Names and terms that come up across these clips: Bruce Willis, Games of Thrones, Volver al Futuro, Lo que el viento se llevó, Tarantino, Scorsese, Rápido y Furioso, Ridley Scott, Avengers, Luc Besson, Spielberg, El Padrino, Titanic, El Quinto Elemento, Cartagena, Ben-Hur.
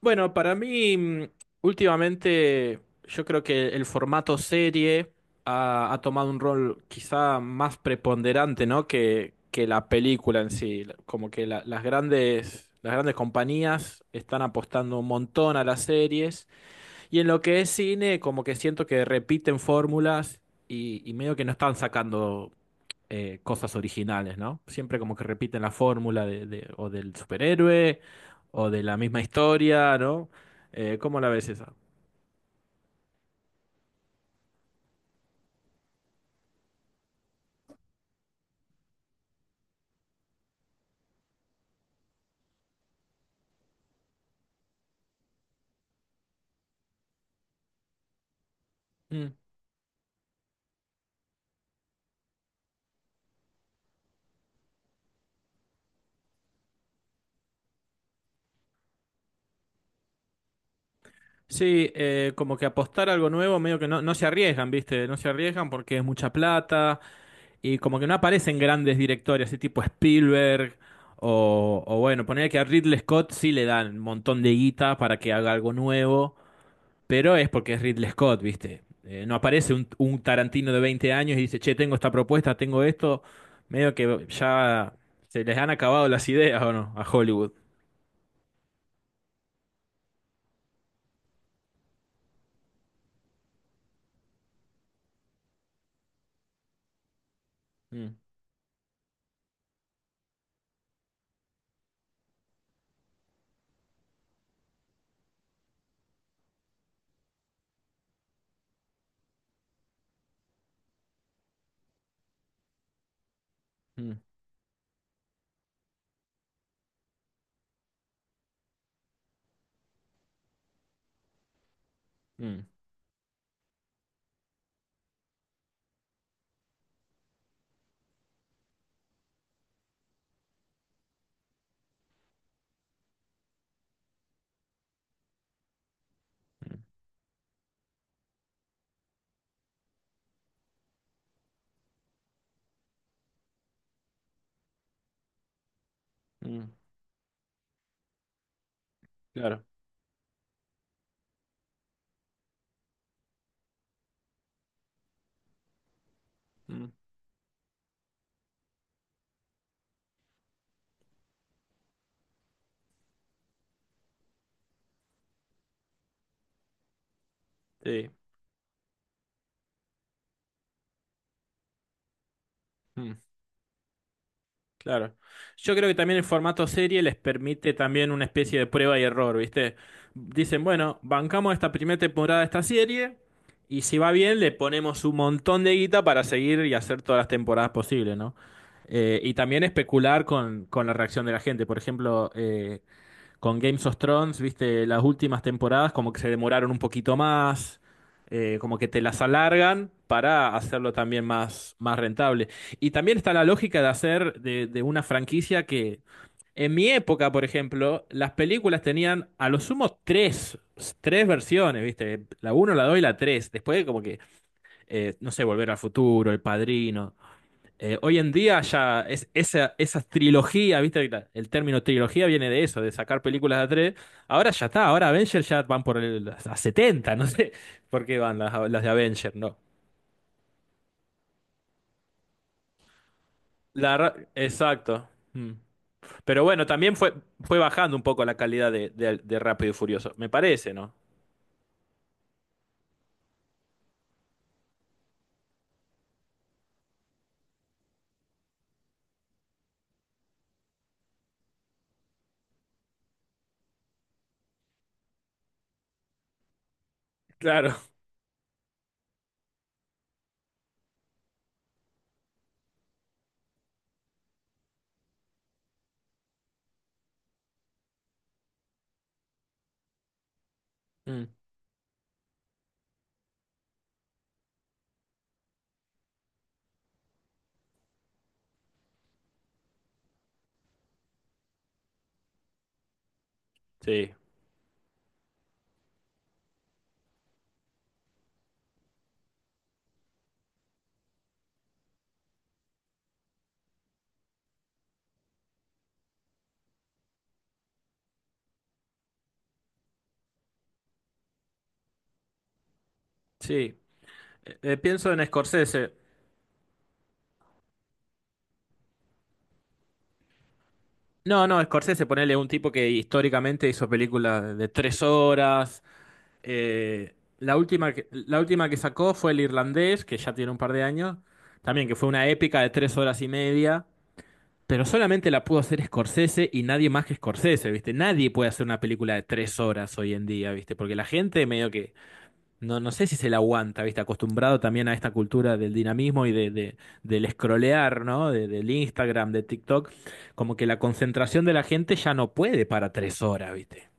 Bueno, para mí, últimamente, yo creo que el formato serie ha tomado un rol quizá más preponderante, ¿no?, que la película en sí. Como que las grandes compañías están apostando un montón a las series. Y en lo que es cine, como que siento que repiten fórmulas y medio que no están sacando cosas originales, ¿no? Siempre como que repiten la fórmula o del superhéroe, o de la misma historia, ¿no? ¿Cómo la ves esa? Mm. Sí, como que apostar a algo nuevo, medio que no se arriesgan, ¿viste? No se arriesgan porque es mucha plata, y como que no aparecen grandes directores, así tipo Spielberg, o bueno, poner que a Ridley Scott sí le dan un montón de guita para que haga algo nuevo. Pero es porque es Ridley Scott, ¿viste? No aparece un Tarantino de 20 años y dice, che, tengo esta propuesta, tengo esto. Medio que ya se les han acabado las ideas, ¿o no? A Hollywood. Mm. Mm. Mm. Mm. Mm. Claro. Mm, sí. Claro. Yo creo que también el formato serie les permite también una especie de prueba y error, ¿viste? Dicen, bueno, bancamos esta primera temporada de esta serie, y si va bien le ponemos un montón de guita para seguir y hacer todas las temporadas posibles, ¿no? Y también especular con la reacción de la gente. Por ejemplo, con Games of Thrones, viste, las últimas temporadas como que se demoraron un poquito más, como que te las alargan para hacerlo también más rentable. Y también está la lógica de hacer de una franquicia que en mi época, por ejemplo, las películas tenían a lo sumo tres versiones, viste, la uno la 2 y la tres. Después como que, no sé, Volver al Futuro, El Padrino. Hoy en día ya es esa trilogía, ¿viste? El término trilogía viene de eso, de sacar películas de a tres. Ahora ya está, ahora Avengers ya van por el, a setenta, no sé por qué van las de Avengers, ¿no? Exacto. Mm. Pero bueno, también fue, bajando un poco la calidad de Rápido y Furioso, me parece, ¿no? Claro. Mm. Sí, sí. Pienso en Scorsese. No, no, Scorsese, ponele un tipo que históricamente hizo películas de 3 horas. La última que sacó fue el irlandés, que ya tiene un par de años, también que fue una épica de 3 horas y media, pero solamente la pudo hacer Scorsese y nadie más que Scorsese, ¿viste? Nadie puede hacer una película de 3 horas hoy en día, ¿viste? Porque la gente medio que, no sé si se la aguanta, ¿viste? Acostumbrado también a esta cultura del dinamismo y del scrollear, ¿no? Del Instagram, de TikTok, como que la concentración de la gente ya no puede para 3 horas, ¿viste?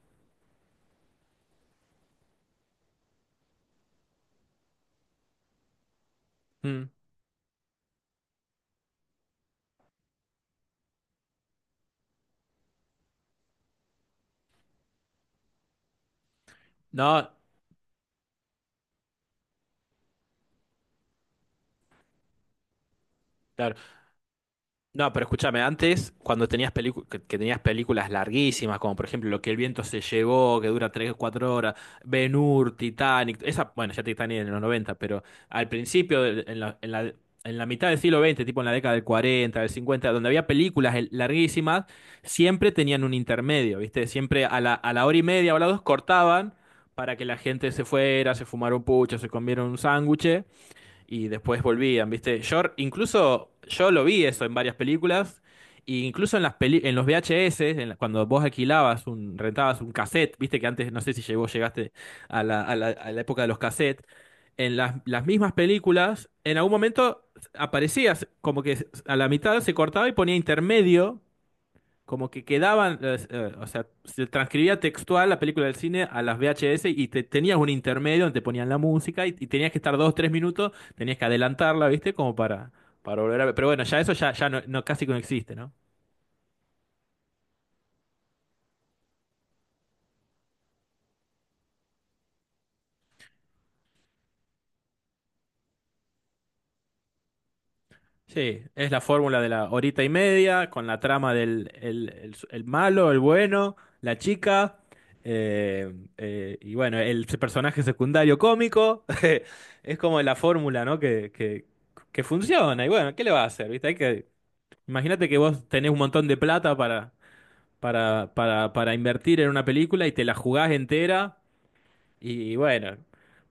Mm. No, claro. No, pero escúchame, antes, cuando tenías que tenías películas larguísimas, como por ejemplo Lo que el viento se llevó, que dura 3 o 4 horas, Ben-Hur, Titanic, esa, bueno, ya Titanic en los 90, pero al principio, en la mitad del siglo XX, tipo en la década del 40, del 50, donde había películas larguísimas, siempre tenían un intermedio, ¿viste? Siempre a la, hora y media o a las dos cortaban para que la gente se fuera, se fumara un pucho, se comiera un sándwich y después volvían, ¿viste? Yo incluso yo lo vi eso en varias películas, e incluso en las en los VHS, cuando vos alquilabas un rentabas un cassette, ¿viste? Que antes no sé si llegó llegaste a la, a la época de los cassettes. En las mismas películas, en algún momento aparecías como que a la mitad se cortaba y ponía intermedio, como que quedaban, o sea, se transcribía textual la película del cine a las VHS y tenías un intermedio donde te ponían la música, y tenías que estar dos, 3 minutos, tenías que adelantarla, ¿viste? Como para, volver a ver. Pero bueno, ya eso ya, casi que no existe, ¿no? Sí, es la fórmula de la horita y media, con la trama del el malo, el bueno, la chica, y bueno, el personaje secundario cómico. Es como la fórmula, ¿no? Que funciona. Y bueno, ¿qué le va a hacer? ¿Viste? Hay que, imagínate que vos tenés un montón de plata para, para invertir en una película y te la jugás entera, y bueno,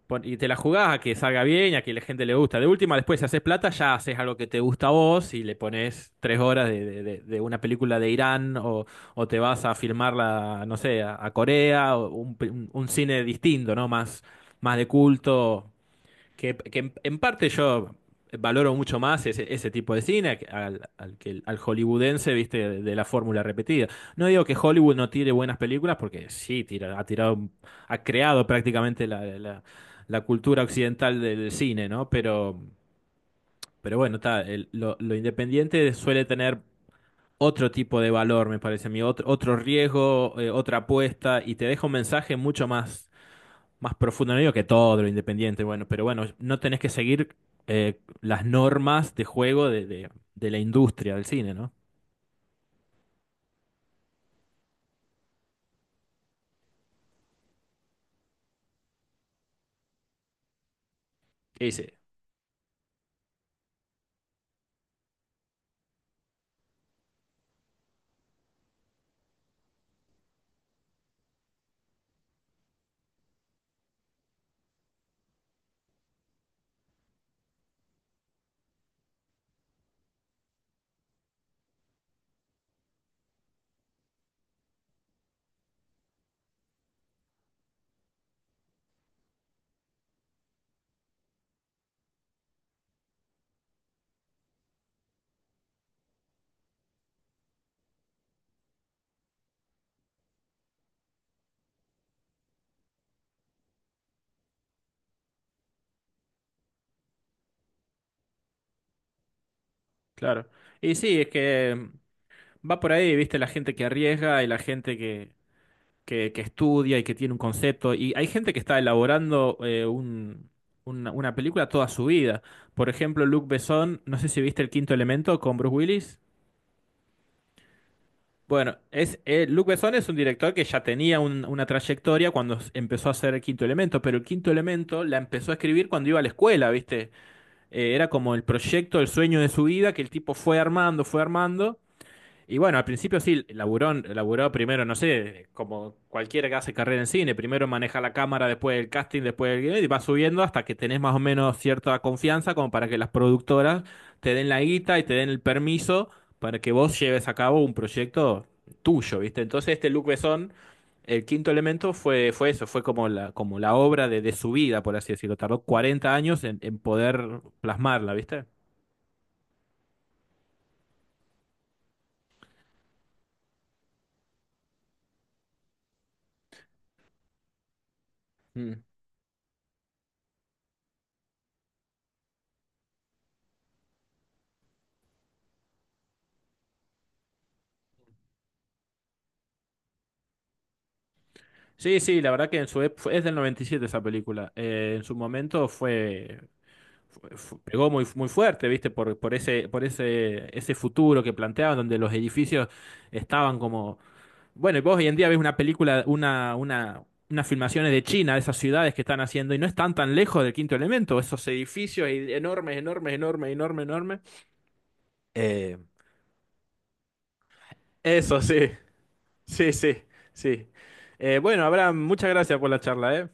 y te la jugás a que salga bien, a que la gente le gusta. De última, después si haces plata, ya haces algo que te gusta a vos y le pones 3 horas de una película de Irán, o te vas a filmarla, no sé, a, Corea, o un cine distinto, ¿no? Más de culto, que en parte yo valoro mucho más ese tipo de cine al hollywoodense, viste, de la fórmula repetida. No digo que Hollywood no tire buenas películas, porque sí, tira, ha tirado, ha creado prácticamente la, la cultura occidental del cine, ¿no? pero, bueno, está, lo independiente suele tener otro tipo de valor, me parece a mí, otro riesgo, otra apuesta, y te deja un mensaje mucho más profundo, no digo que todo lo independiente, bueno, pero bueno, no tenés que seguir las normas de juego de la industria del cine, ¿no? Y sí, claro. Y sí, es que va por ahí, viste, la gente que arriesga y la gente que, que estudia y que tiene un concepto. Y hay gente que está elaborando una, película toda su vida. Por ejemplo, Luc Besson, no sé si viste El Quinto Elemento con Bruce Willis. Bueno, Luc Besson es un director que ya tenía una trayectoria cuando empezó a hacer el Quinto Elemento, pero el Quinto Elemento la empezó a escribir cuando iba a la escuela, ¿viste? Era como el proyecto, el sueño de su vida, que el tipo fue armando, y bueno, al principio sí, laburó, laburó primero, no sé, como cualquiera que hace carrera en cine, primero maneja la cámara, después el casting, después el guion, y va subiendo hasta que tenés más o menos cierta confianza como para que las productoras te den la guita y te den el permiso para que vos lleves a cabo un proyecto tuyo, ¿viste? Entonces este Luc Besson, el quinto elemento, fue, eso, fue como la obra de su vida, por así decirlo. Tardó 40 años en poder plasmarla, ¿viste? Mm. Sí, sí, la verdad que en su ep- fue- es del 97 esa película. En su momento fue, pegó muy, muy fuerte, ¿viste? Por ese futuro que planteaban, donde los edificios estaban como. Bueno, y vos hoy en día ves una película, una, unas filmaciones de China, de esas ciudades que están haciendo, y no están tan lejos del Quinto Elemento, esos edificios enormes, enormes, enormes, enormes, enormes. Eh, eso, sí, sí, sí, sí. Bueno, Abraham, muchas gracias por la charla, ¿eh?